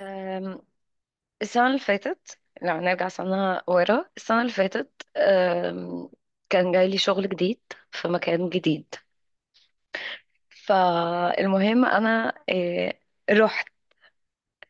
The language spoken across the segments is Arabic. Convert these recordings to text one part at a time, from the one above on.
أم، السنة اللي فاتت لو هنرجع سنة ورا السنة اللي فاتت كان جاي لي شغل جديد في مكان جديد. فالمهم أنا رحت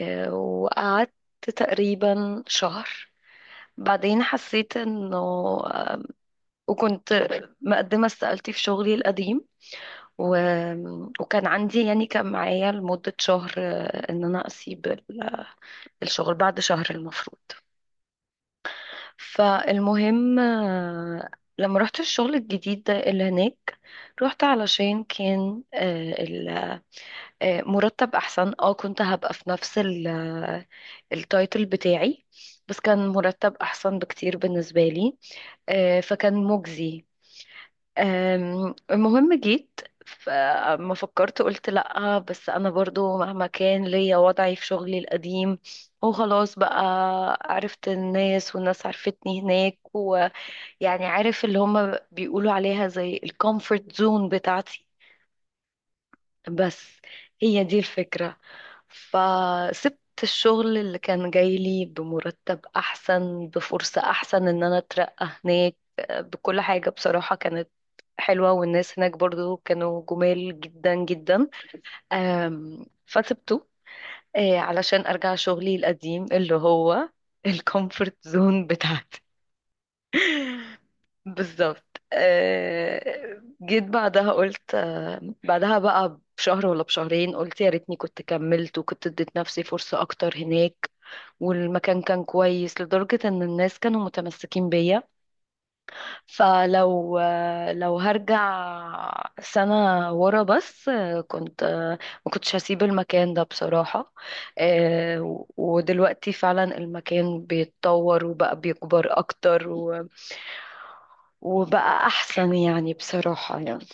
وقعدت تقريبا شهر، بعدين حسيت انه آه، وكنت مقدمة استقالتي في شغلي القديم. و... وكان عندي يعني كان معايا لمدة شهر، ان انا اسيب الشغل بعد شهر المفروض. فالمهم لما رحت الشغل الجديد ده اللي هناك، رحت علشان كان مرتب احسن، اه كنت هبقى في نفس التايتل بتاعي، بس كان مرتب احسن بكتير بالنسبة لي. فكان مجزي. المهم جيت، فما فكرت قلت لأ، بس أنا برضو مهما كان ليا وضعي في شغلي القديم وخلاص بقى، عرفت الناس والناس عرفتني هناك، يعني عارف اللي هما بيقولوا عليها زي الكومفورت زون بتاعتي. بس هي دي الفكرة. فسبت الشغل اللي كان جاي لي بمرتب أحسن، بفرصة أحسن إن أنا أترقى هناك، بكل حاجة بصراحة كانت حلوة، والناس هناك برضو كانوا جمال جدا جدا. فسبته علشان أرجع شغلي القديم اللي هو الكومفورت زون بتاعتي. بالظبط. جيت بعدها قلت، بعدها بقى بشهر ولا بشهرين قلت يا ريتني كنت كملت وكنت اديت نفسي فرصة اكتر هناك. والمكان كان كويس لدرجة ان الناس كانوا متمسكين بيا. فلو هرجع سنة ورا بس، كنت ما كنتش هسيب المكان ده بصراحة. ودلوقتي فعلا المكان بيتطور وبقى بيكبر أكتر وبقى أحسن يعني، بصراحة يعني.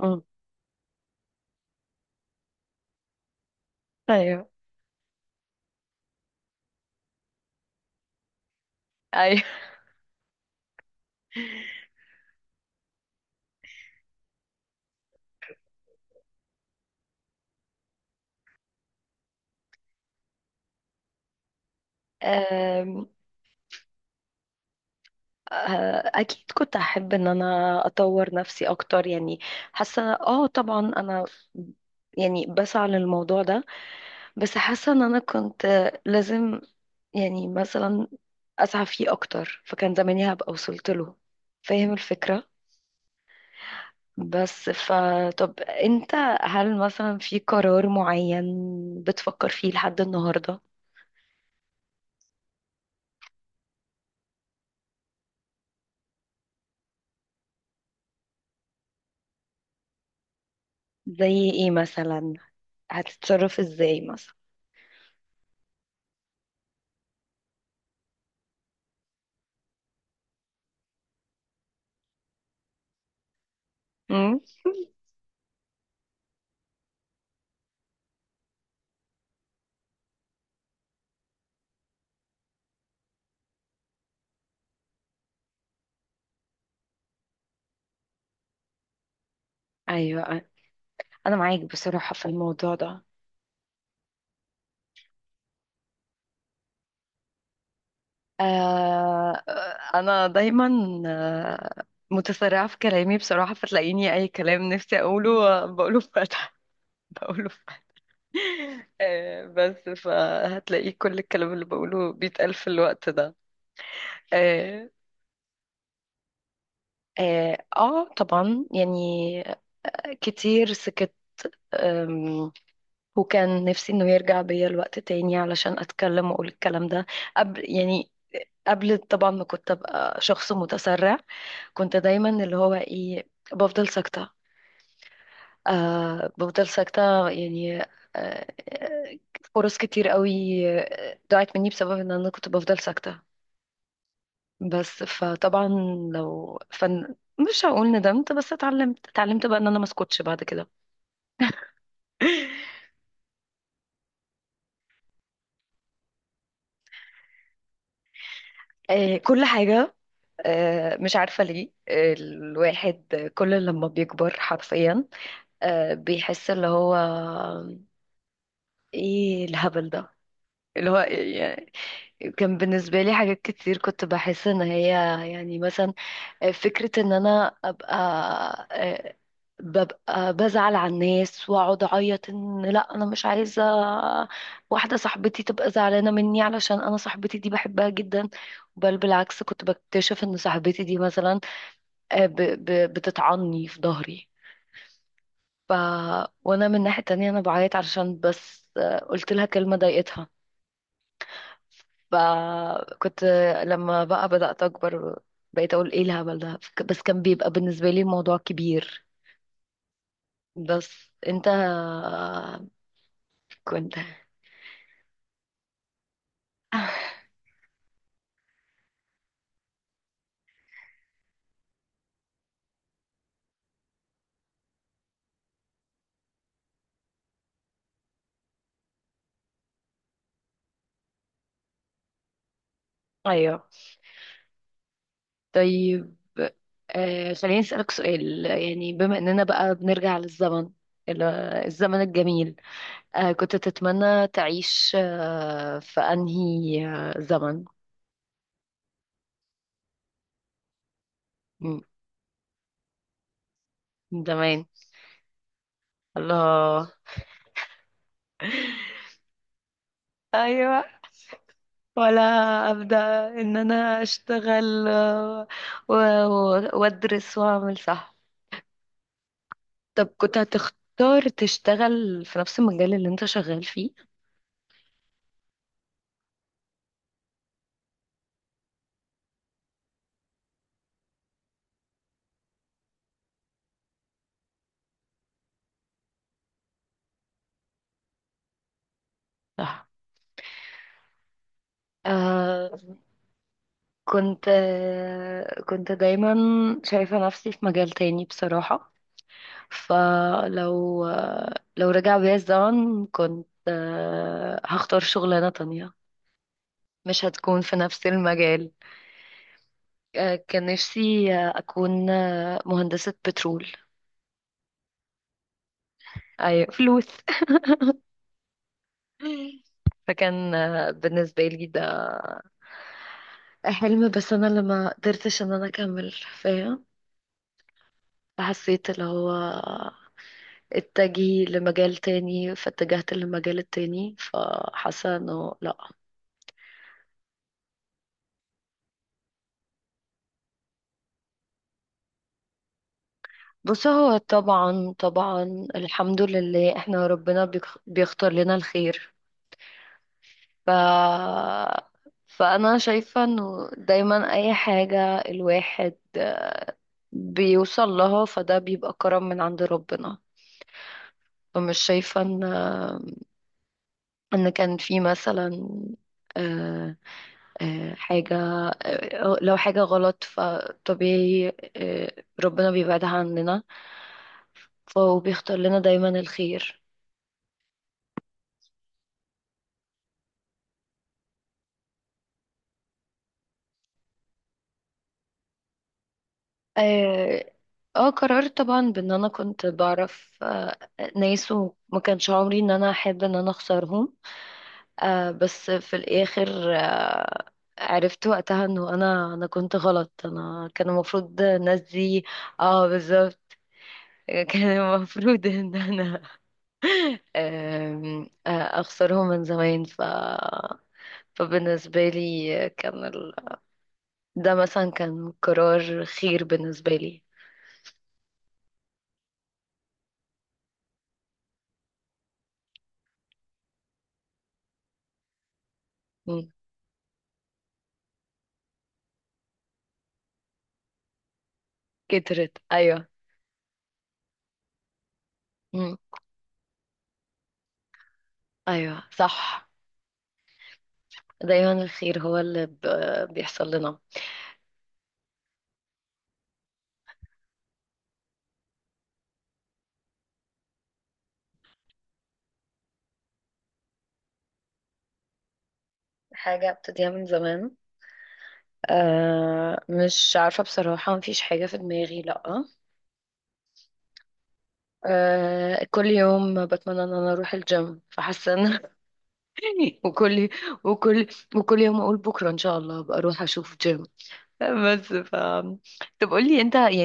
مم. أيوه، أيوه. آم، آه، أكيد كنت أحب إن أنا أطور نفسي أكتر يعني. حاسة، آه، طبعا أنا يعني بسعى للموضوع ده، بس حاسة ان انا كنت لازم يعني مثلا اسعى فيه اكتر، فكان زماني هبقى وصلت له. فاهم الفكرة؟ بس فطب انت، هل مثلا في قرار معين بتفكر فيه لحد النهاردة؟ زي ايه مثلا؟ هتتصرف ازاي مثلا؟ امم. ايوه، انا معاك بصراحة في الموضوع ده. آه، انا دايما آه، متسرعة في كلامي بصراحة، فتلاقيني اي كلام نفسي اقوله بقوله فجأة. بقوله ف... بس فهتلاقيه كل الكلام اللي بقوله بيتقال في الوقت ده. اه، آه، آه طبعا يعني كتير سكت. أم، وكان نفسي انه يرجع بيا الوقت تاني علشان اتكلم واقول الكلام ده، قبل يعني قبل طبعا ما كنت ابقى شخص متسرع. كنت دايما اللي هو ايه، بفضل ساكتة. آه، بفضل ساكتة يعني. آه، فرص كتير قوي ضاعت مني بسبب ان انا كنت بفضل ساكتة. بس فطبعا، لو فن مش هقول ندمت، بس اتعلمت بقى ان انا ما اسكتش بعد كده. كل حاجة، مش عارفة ليه، الواحد كل لما بيكبر حرفيا بيحس اللي هو ايه الهبل ده، اللي هو إيه؟ كان بالنسبة لي حاجات كتير كنت بحس ان هي يعني مثلا، فكرة ان انا ابقى آه، ببقى بزعل على الناس واقعد اعيط، ان لا انا مش عايزة واحدة صاحبتي تبقى زعلانة مني، علشان انا صاحبتي دي بحبها جدا. بل بالعكس، كنت بكتشف ان صاحبتي دي مثلا بتطعني في ظهري. ف... وانا من ناحية تانية انا بعيط علشان بس قلت لها كلمة ضايقتها. فكنت لما بقى بدأت أكبر، بقيت أقول إيه الهبل ده، بس كان بيبقى بالنسبة لي الموضوع كبير. بس أنت كنت. أيوه. طيب، آه، خليني أسألك سؤال، يعني بما إننا بقى بنرجع للزمن، ال- الزمن الجميل، آه كنت تتمنى تعيش آه في أنهي زمن؟ مم، زمان. الله. أيوه. ولا ابدا ان انا اشتغل و وادرس واعمل، صح؟ طب كنت هتختار تشتغل في نفس المجال اللي انت شغال فيه؟ صح. آه كنت، آه كنت دايما شايفة نفسي في مجال تاني بصراحة. فلو، آه، لو رجع بيا الزمن كنت، آه، هختار شغلانة تانية، مش هتكون في نفس المجال. آه كان نفسي، أكون، مهندسة بترول. ايوه، فلوس. فكان، بالنسبة لي ده حلم، بس انا اللي ما قدرتش ان انا اكمل. فاهم؟ حسيت اللي هو اتجهي لمجال تاني، فاتجهت للمجال التاني، فحاسة انه لا. بص هو طبعا، طبعا الحمد لله احنا ربنا بيختار لنا الخير. ف فانا شايفة انه دايما اي حاجة الواحد بيوصل لها فده بيبقى كرم من عند ربنا. فمش شايفة ان، ان كان في مثلا، آه، حاجة، لو حاجة غلط فطبيعي آه، ربنا بيبعدها عننا، فبيختار لنا دايما الخير. اه، قررت طبعا بان انا كنت بعرف ناس وما كانش عمري ان انا احب ان انا اخسرهم. بس في الاخر عرفت وقتها انه انا كنت غلط، انا كان المفروض الناس دي. اه، بالظبط. كان المفروض ان انا اخسره من زمان. فبالنسبة لي كان ده مثلا كان قرار خير بالنسبة لي. مم. كترت، ايوه. مم. ايوه صح، دايما الخير هو اللي بيحصل لنا. حاجة ابتديها من زمان؟ أه مش عارفة بصراحة، مفيش حاجة في دماغي، لأ. أه كل يوم بتمنى ان انا اروح الجيم، فحاسة ان وكل وكل وكل يوم اقول بكره ان شاء الله ابقى اروح اشوف جيم. بس ف، طب قول لي انت يعني.